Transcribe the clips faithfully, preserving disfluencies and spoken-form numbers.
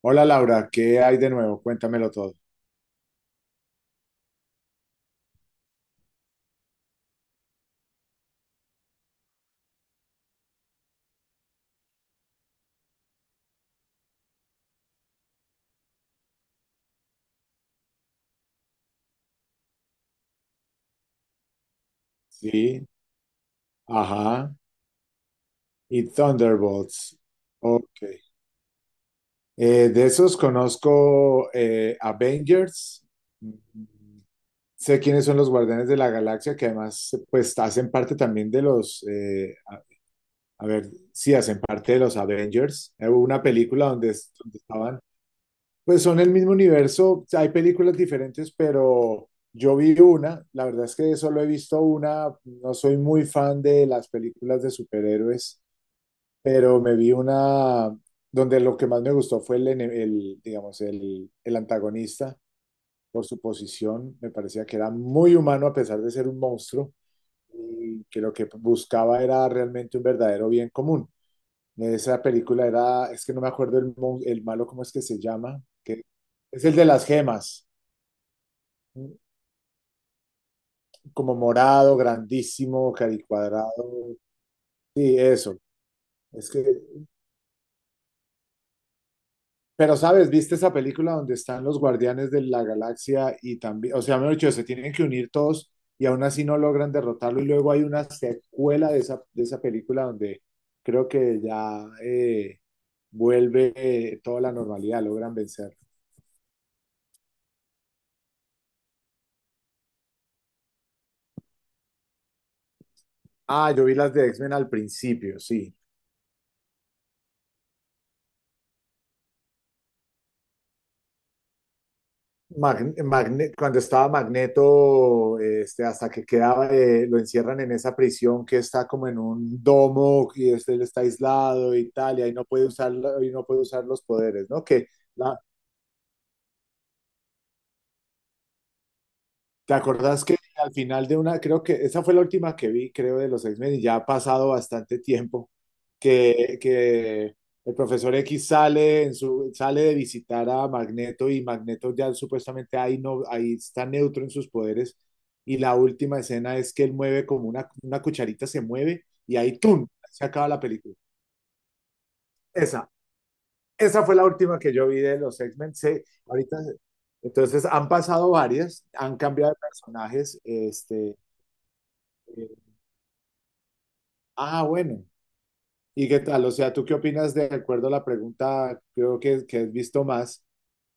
Hola Laura, ¿qué hay de nuevo? Cuéntamelo todo. Sí, ajá. Y Thunderbolts. Ok. Eh, de esos conozco eh, Avengers. Mm, sé quiénes son los Guardianes de la Galaxia, que además pues hacen parte también de los, eh, a, a ver, sí, hacen parte de los Avengers. Eh, Hubo una película donde, donde estaban. Pues son el mismo universo, hay películas diferentes, pero yo vi una, la verdad es que solo he visto una, no soy muy fan de las películas de superhéroes, pero me vi una donde lo que más me gustó fue el, ene- el, digamos, el, el antagonista, por su posición. Me parecía que era muy humano a pesar de ser un monstruo y que lo que buscaba era realmente un verdadero bien común. Esa película era, es que no me acuerdo el, mon- el malo, ¿cómo es que se llama? Que es el de las gemas, como morado, grandísimo, caricuadrado. Sí, eso. Es que, pero sabes, ¿viste esa película donde están los guardianes de la galaxia y también, o sea, mejor dicho, se tienen que unir todos y aún así no logran derrotarlo, y luego hay una secuela de esa, de esa película donde creo que ya eh, vuelve, eh, toda la normalidad, logran vencer. Ah, yo vi las de X-Men al principio, sí. Mag- Magne- cuando estaba Magneto, este, hasta que quedaba, eh, lo encierran en esa prisión que está como en un domo, y este, él está aislado y tal, y ahí no puede usar, y no puede usar los poderes, ¿no? Que la, ¿Te acordás que al final de una, creo que esa fue la última que vi, creo, de los X-Men? Y ya ha pasado bastante tiempo, que, que el profesor X sale, en su, sale de visitar a Magneto, y Magneto ya supuestamente ahí, no, ahí está neutro en sus poderes, y la última escena es que él mueve como una, una cucharita, se mueve, y ahí ¡tum!, se acaba la película. Esa, esa fue la última que yo vi de los X-Men. Se- ahorita, entonces han pasado varias, han cambiado de personajes, este, Eh, ah, bueno. ¿Y qué tal? O sea, ¿tú qué opinas? De acuerdo a la pregunta, creo que, que has visto más,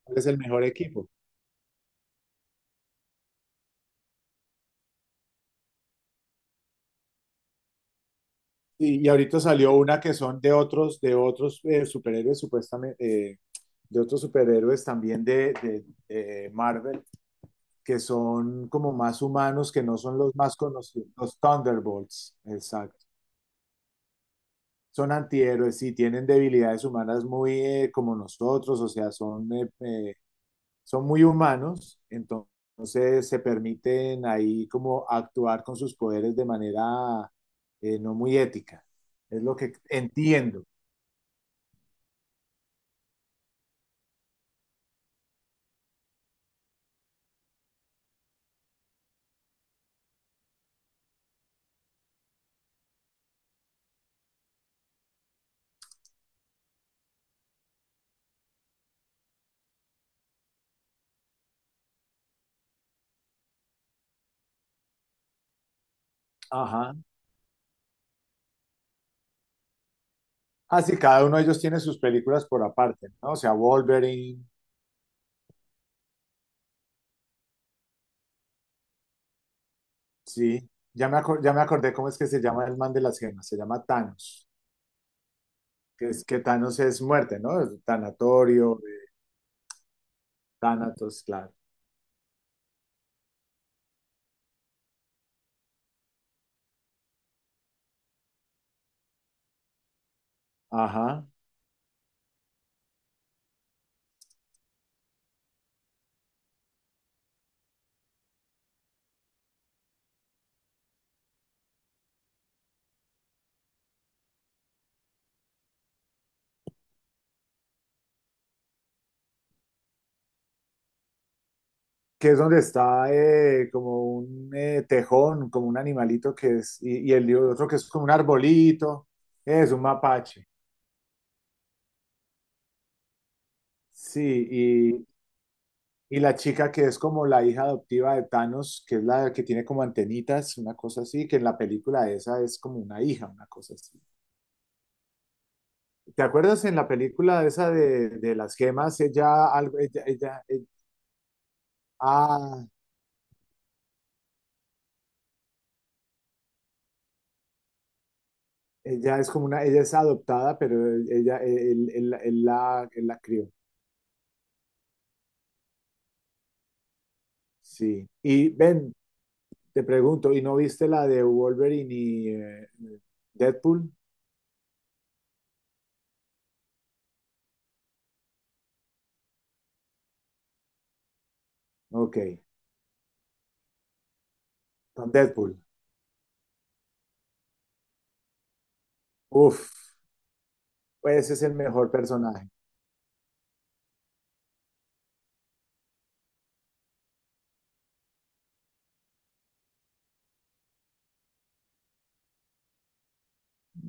¿cuál es el mejor equipo? Y, y ahorita salió una que son de otros, de otros eh, superhéroes, supuestamente, eh, de otros superhéroes también de, de- de Marvel, que son como más humanos, que no son los más conocidos, los Thunderbolts, exacto. Son antihéroes, sí, tienen debilidades humanas muy eh, como nosotros, o sea, son eh, eh, son muy humanos, entonces se permiten ahí como actuar con sus poderes de manera eh, no muy ética. Es lo que entiendo. Ajá. Así cada uno de ellos tiene sus películas por aparte, ¿no? O sea, Wolverine, sí. Ya me, acor- ya me acordé cómo es que se llama el man de las gemas, se llama Thanos, que es que Thanos es muerte, ¿no? Es Tanatorio, eh, Thanatos, claro. Ajá. Que es donde está eh, como un eh, tejón, como un animalito que es, y, y el de otro que es como un arbolito, es un mapache, sí, y, y la chica que es como la hija adoptiva de Thanos, que es la que tiene como antenitas, una cosa así, que en la película esa es como una hija, una cosa así. ¿Te acuerdas en la película esa de, de las gemas? Ella, algo- ella, ella, eh, Ah, ella es como una, ella es adoptada, pero ella, él, él- él la, él la crió. Sí. Y ven, te pregunto, ¿y no viste la de Wolverine y eh, Deadpool? Ok, con Deadpool. Uf, pues ese es el mejor personaje.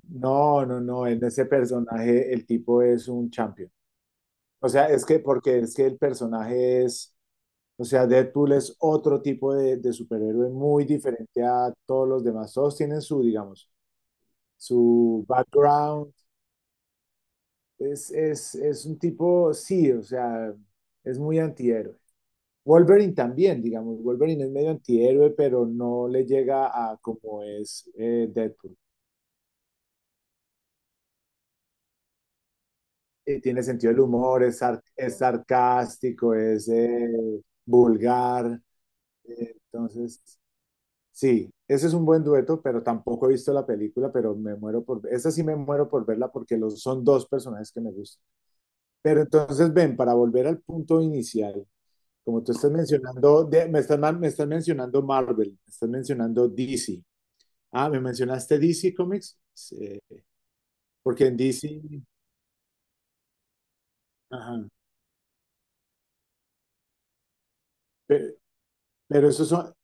No, no, no, en ese personaje el tipo es un champion. O sea, es que porque es que el personaje es, o sea, Deadpool es otro tipo de, de superhéroe muy diferente a todos los demás. Todos tienen su, digamos, su background. Es, es, es un tipo, sí, o sea, es muy antihéroe. Wolverine también, digamos, Wolverine es medio antihéroe, pero no le llega a como es eh, Deadpool. Eh, tiene sentido del humor, es, sar- es sarcástico, es eh, vulgar. Eh, entonces, sí, ese es un buen dueto, pero tampoco he visto la película, pero me muero por, esa sí me muero por verla porque los, son dos personajes que me gustan. Pero entonces, ven, para volver al punto inicial, como tú estás mencionando, de- me estás, ma- me estás mencionando Marvel, me estás mencionando D C. Ah, me mencionaste D C Comics. Sí, porque en D C, ajá, pe- pero, esos son,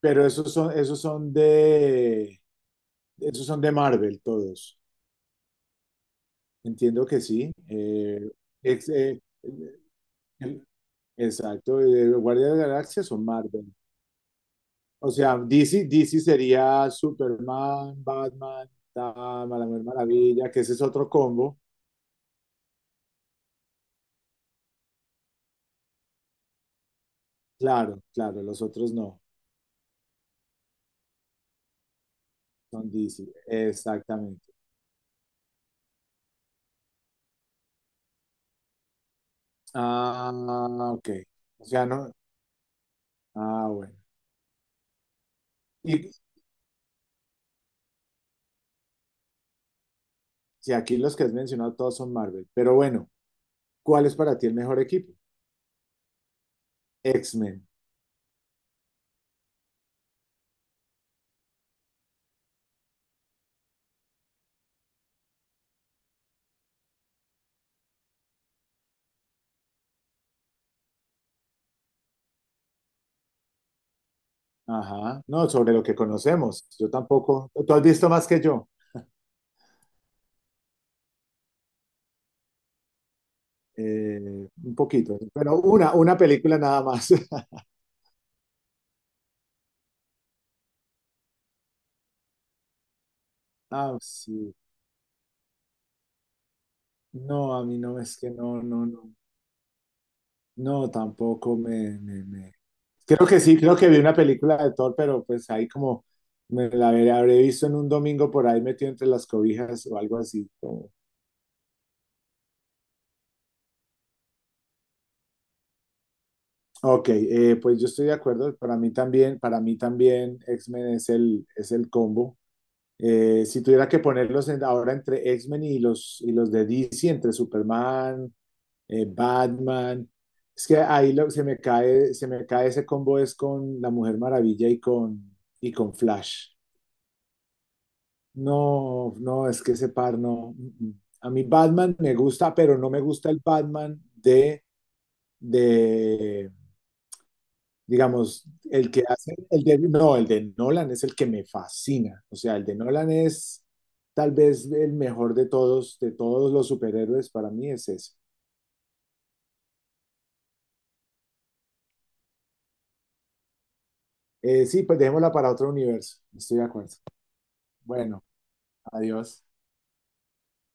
pero esos son, esos son de, esos son de Marvel todos. Entiendo que sí. eh, ex- eh, el- exacto, eh, Guardias de la Galaxia son Marvel. O sea, D C, D C sería Superman, Batman, Tama, la Mujer Maravilla, que ese es otro combo. Claro, claro, los otros no, son D C, exactamente. Ah, ok. O sea, no. Ah, bueno. Y si aquí los que has mencionado todos son Marvel, pero bueno, ¿cuál es para ti el mejor equipo? X-Men. Ajá. No, sobre lo que conocemos. Yo tampoco. Tú has visto más que yo. Eh, un poquito, pero una, una película nada más. Ah, sí. No, a mí no es que no, no, no. No, tampoco me, me, me- creo que sí, creo que vi una película de Thor, pero pues ahí como me la veré- habré visto en un domingo por ahí metido entre las cobijas o algo así. Como- ok, eh, pues yo estoy de acuerdo. Para mí también, para mí también X-Men es el, es el combo. Eh, si tuviera que ponerlos en- ahora entre X-Men y los, y los de D C, entre Superman, eh, Batman, es que ahí lo- se me cae, se me cae ese combo es con la Mujer Maravilla y con, y con Flash. No, no, es que ese par no. Mm, mm. A mí Batman me gusta, pero no me gusta el Batman de, de, digamos, el que hace, el de, no, el de Nolan es el que me fascina. O sea, el de Nolan es tal vez el mejor de todos, de todos los superhéroes, para mí es ese. Eh, sí, pues dejémosla para otro universo. Estoy de acuerdo. Bueno, adiós.